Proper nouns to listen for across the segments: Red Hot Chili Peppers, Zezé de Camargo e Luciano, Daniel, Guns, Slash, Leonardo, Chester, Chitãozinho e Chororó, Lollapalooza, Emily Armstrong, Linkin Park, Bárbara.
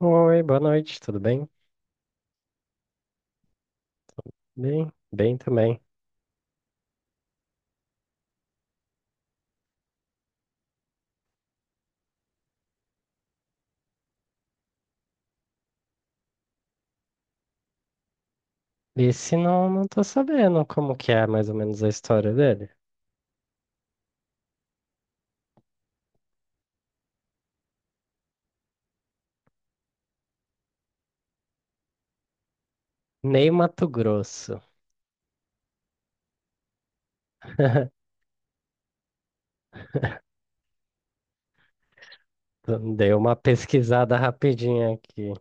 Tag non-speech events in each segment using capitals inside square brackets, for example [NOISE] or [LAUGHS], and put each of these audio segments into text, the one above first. Oi, boa noite, tudo Bem, Bem, também. Esse não, tô sabendo como que é mais ou menos a história dele. Ney Mato Grosso. [LAUGHS] Dei uma pesquisada rapidinha aqui,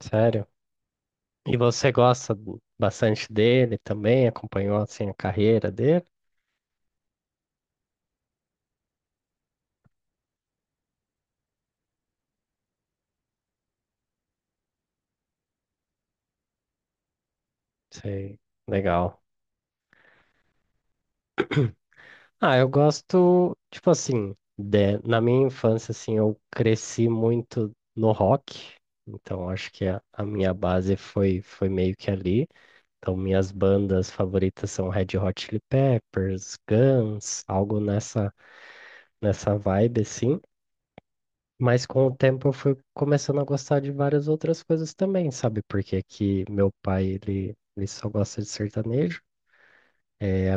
sério. E você gosta do- bastante dele também? Acompanhou assim a carreira dele? Sei, legal. Ah, eu gosto, tipo assim, de- na minha infância assim, eu cresci muito no rock, então acho que a minha base foi meio que ali. Então, minhas bandas favoritas são Red Hot Chili Peppers, Guns, algo nessa, nessa vibe, assim. Mas com o tempo eu fui começando a gostar de várias outras coisas também, sabe? Porque aqui meu pai, ele só gosta de sertanejo. É,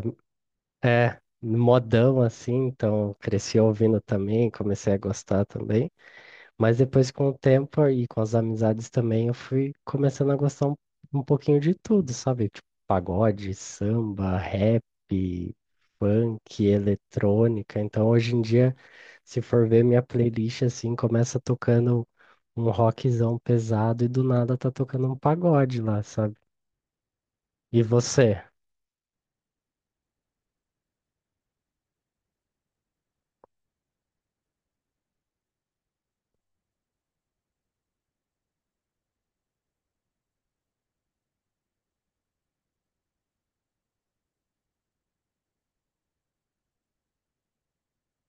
é modão, assim, então cresci ouvindo também, comecei a gostar também. Mas depois, com o tempo e com as amizades também, eu fui começando a gostar um pouquinho de tudo, sabe? Tipo, pagode, samba, rap, funk, eletrônica. Então, hoje em dia, se for ver minha playlist, assim, começa tocando um rockzão pesado e do nada tá tocando um pagode lá, sabe? E você?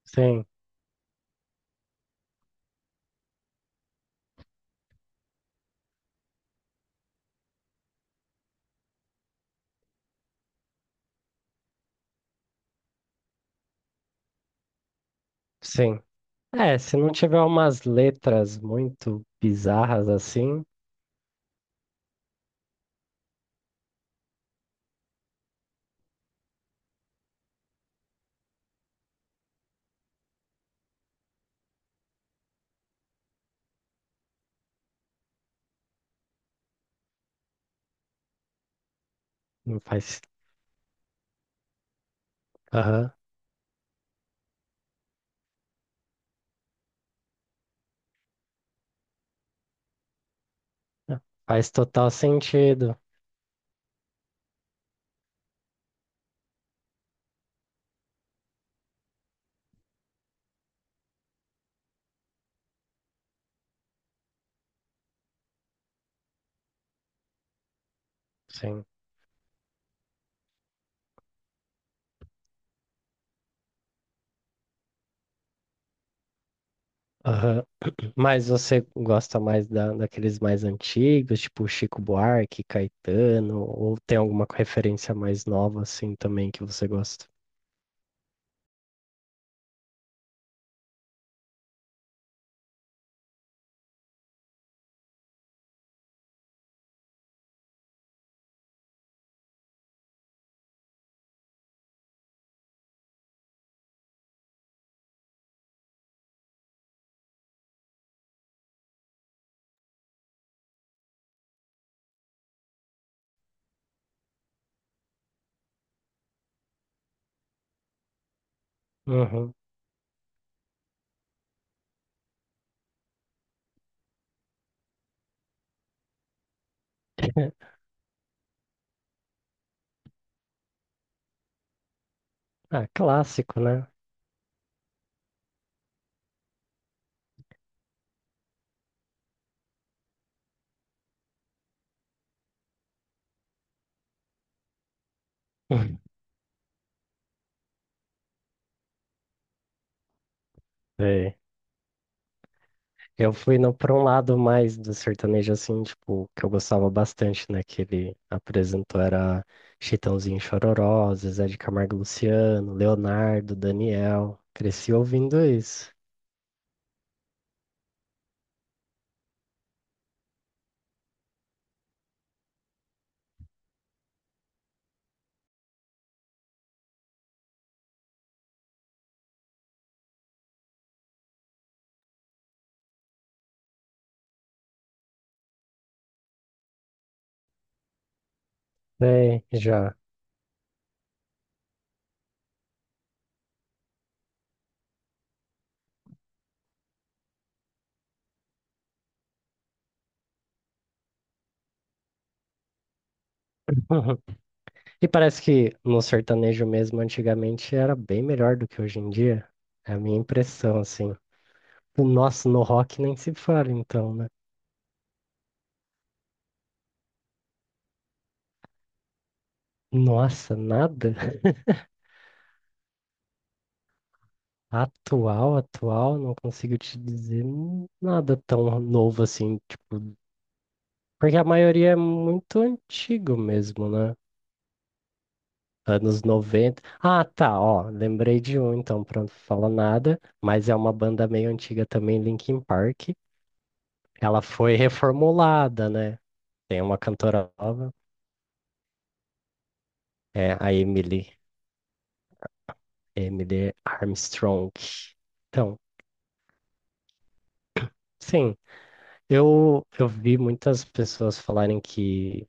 Sim, sim. É, se não tiver umas letras muito bizarras assim, não faz. Aham. Faz total sentido. Sim. Aham. [CLEARS THROAT] Mas você gosta mais da, daqueles mais antigos, tipo Chico Buarque, Caetano, ou tem alguma referência mais nova assim também que você gosta? Uhum. [LAUGHS] Ah, clássico, né? [LAUGHS] É. Eu fui no, pra um lado mais do sertanejo, assim, tipo, que eu gostava bastante, né? Que ele apresentou era Chitãozinho e Chororó, Zezé de Camargo e Luciano, Leonardo, Daniel. Cresci ouvindo isso. Sei, já. [LAUGHS] E parece que no sertanejo mesmo, antigamente, era bem melhor do que hoje em dia. É a minha impressão, assim. O nosso no rock nem se fala, então, né? Nossa, nada? [LAUGHS] Atual, atual, não consigo te dizer nada tão novo assim, tipo, porque a maioria é muito antigo mesmo, né? Anos 90. Ah, tá, ó, lembrei de um, então, pronto, fala nada, mas é uma banda meio antiga também, Linkin Park. Ela foi reformulada, né? Tem uma cantora nova, é a Emily, Emily Armstrong. Então, sim, eu vi muitas pessoas falarem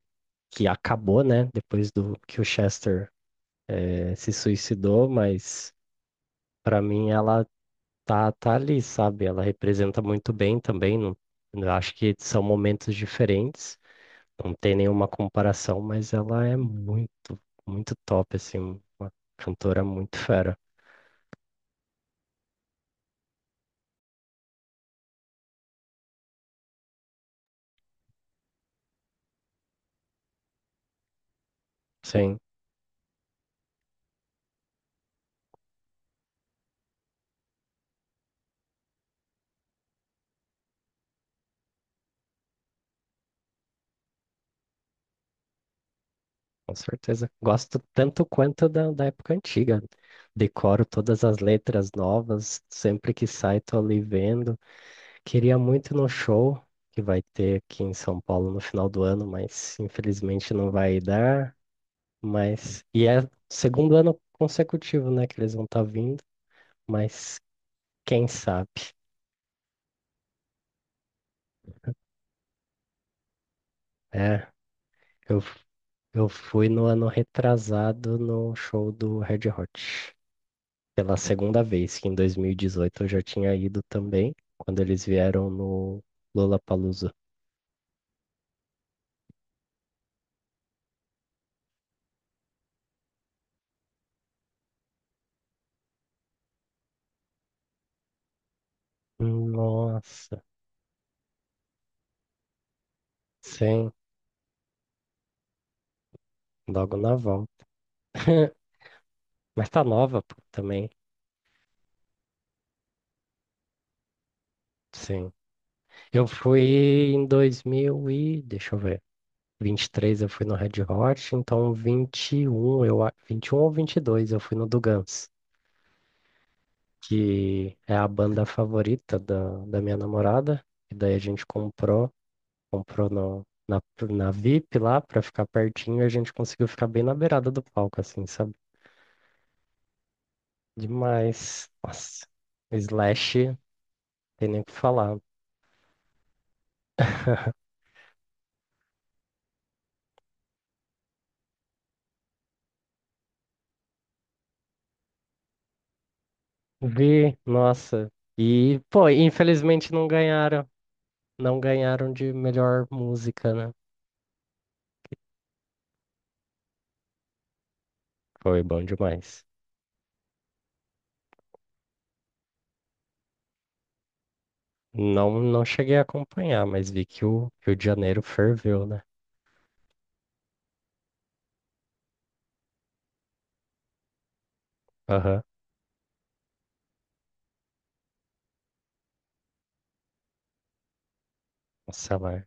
que acabou, né? Depois do que o Chester se suicidou, mas pra mim ela tá ali, sabe? Ela representa muito bem também. Não, eu acho que são momentos diferentes. Não tem nenhuma comparação, mas ela é muito, muito top, assim, uma cantora muito fera. Sim, com certeza. Gosto tanto quanto da, da época antiga. Decoro todas as letras novas, sempre que sai tô ali vendo. Queria muito ir no show que vai ter aqui em São Paulo no final do ano, mas infelizmente não vai dar. Mas, e é o segundo ano consecutivo, né, que eles vão estar vindo, mas quem sabe, é. Eu, f- eu fui no ano retrasado no show do Red Hot. Pela segunda vez, que em 2018 eu já tinha ido também, quando eles vieram no Lollapalooza. Nossa, sim, logo na volta. [LAUGHS] Mas tá nova, pô, também. Sim. Eu fui em 2023 eu fui no Red Hot, então 21 eu, 21 ou 22 eu fui no do Guns. Que é a banda favorita da minha namorada. E daí a gente comprou, comprou no, na, na VIP lá pra ficar pertinho e a gente conseguiu ficar bem na beirada do palco, assim, sabe? Demais. Nossa, Slash, tem nem o que falar. Vi, nossa. E, pô, infelizmente não ganharam. Não ganharam de melhor música, né? Foi bom demais. Não, não cheguei a acompanhar, mas vi que o Rio de Janeiro ferveu, né? Aham. Nossa, lá.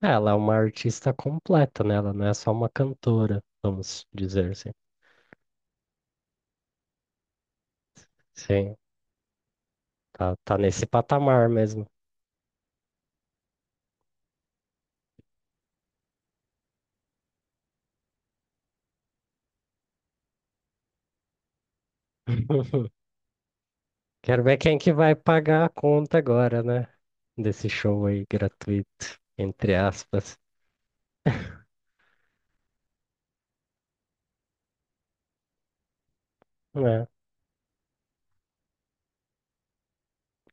É, ela é uma artista completa, né? Ela não é só uma cantora, vamos dizer assim. Sim, tá, tá nesse patamar mesmo. [LAUGHS] Quero ver quem que vai pagar a conta agora, né? Desse show aí gratuito, entre aspas. É.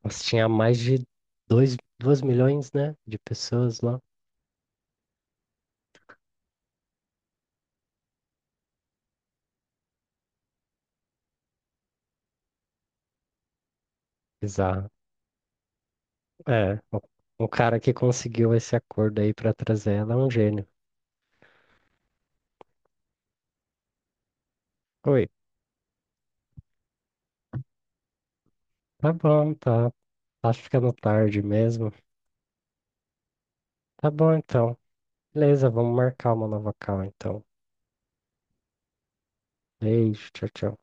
Mas tinha mais de dois milhões, né? De pessoas lá. Bizarro. É, o cara que conseguiu esse acordo aí pra trazer ela é um gênio. Oi, tá bom, tá. Tá ficando tarde mesmo. Tá bom então. Beleza, vamos marcar uma nova call então. Beijo, tchau, tchau.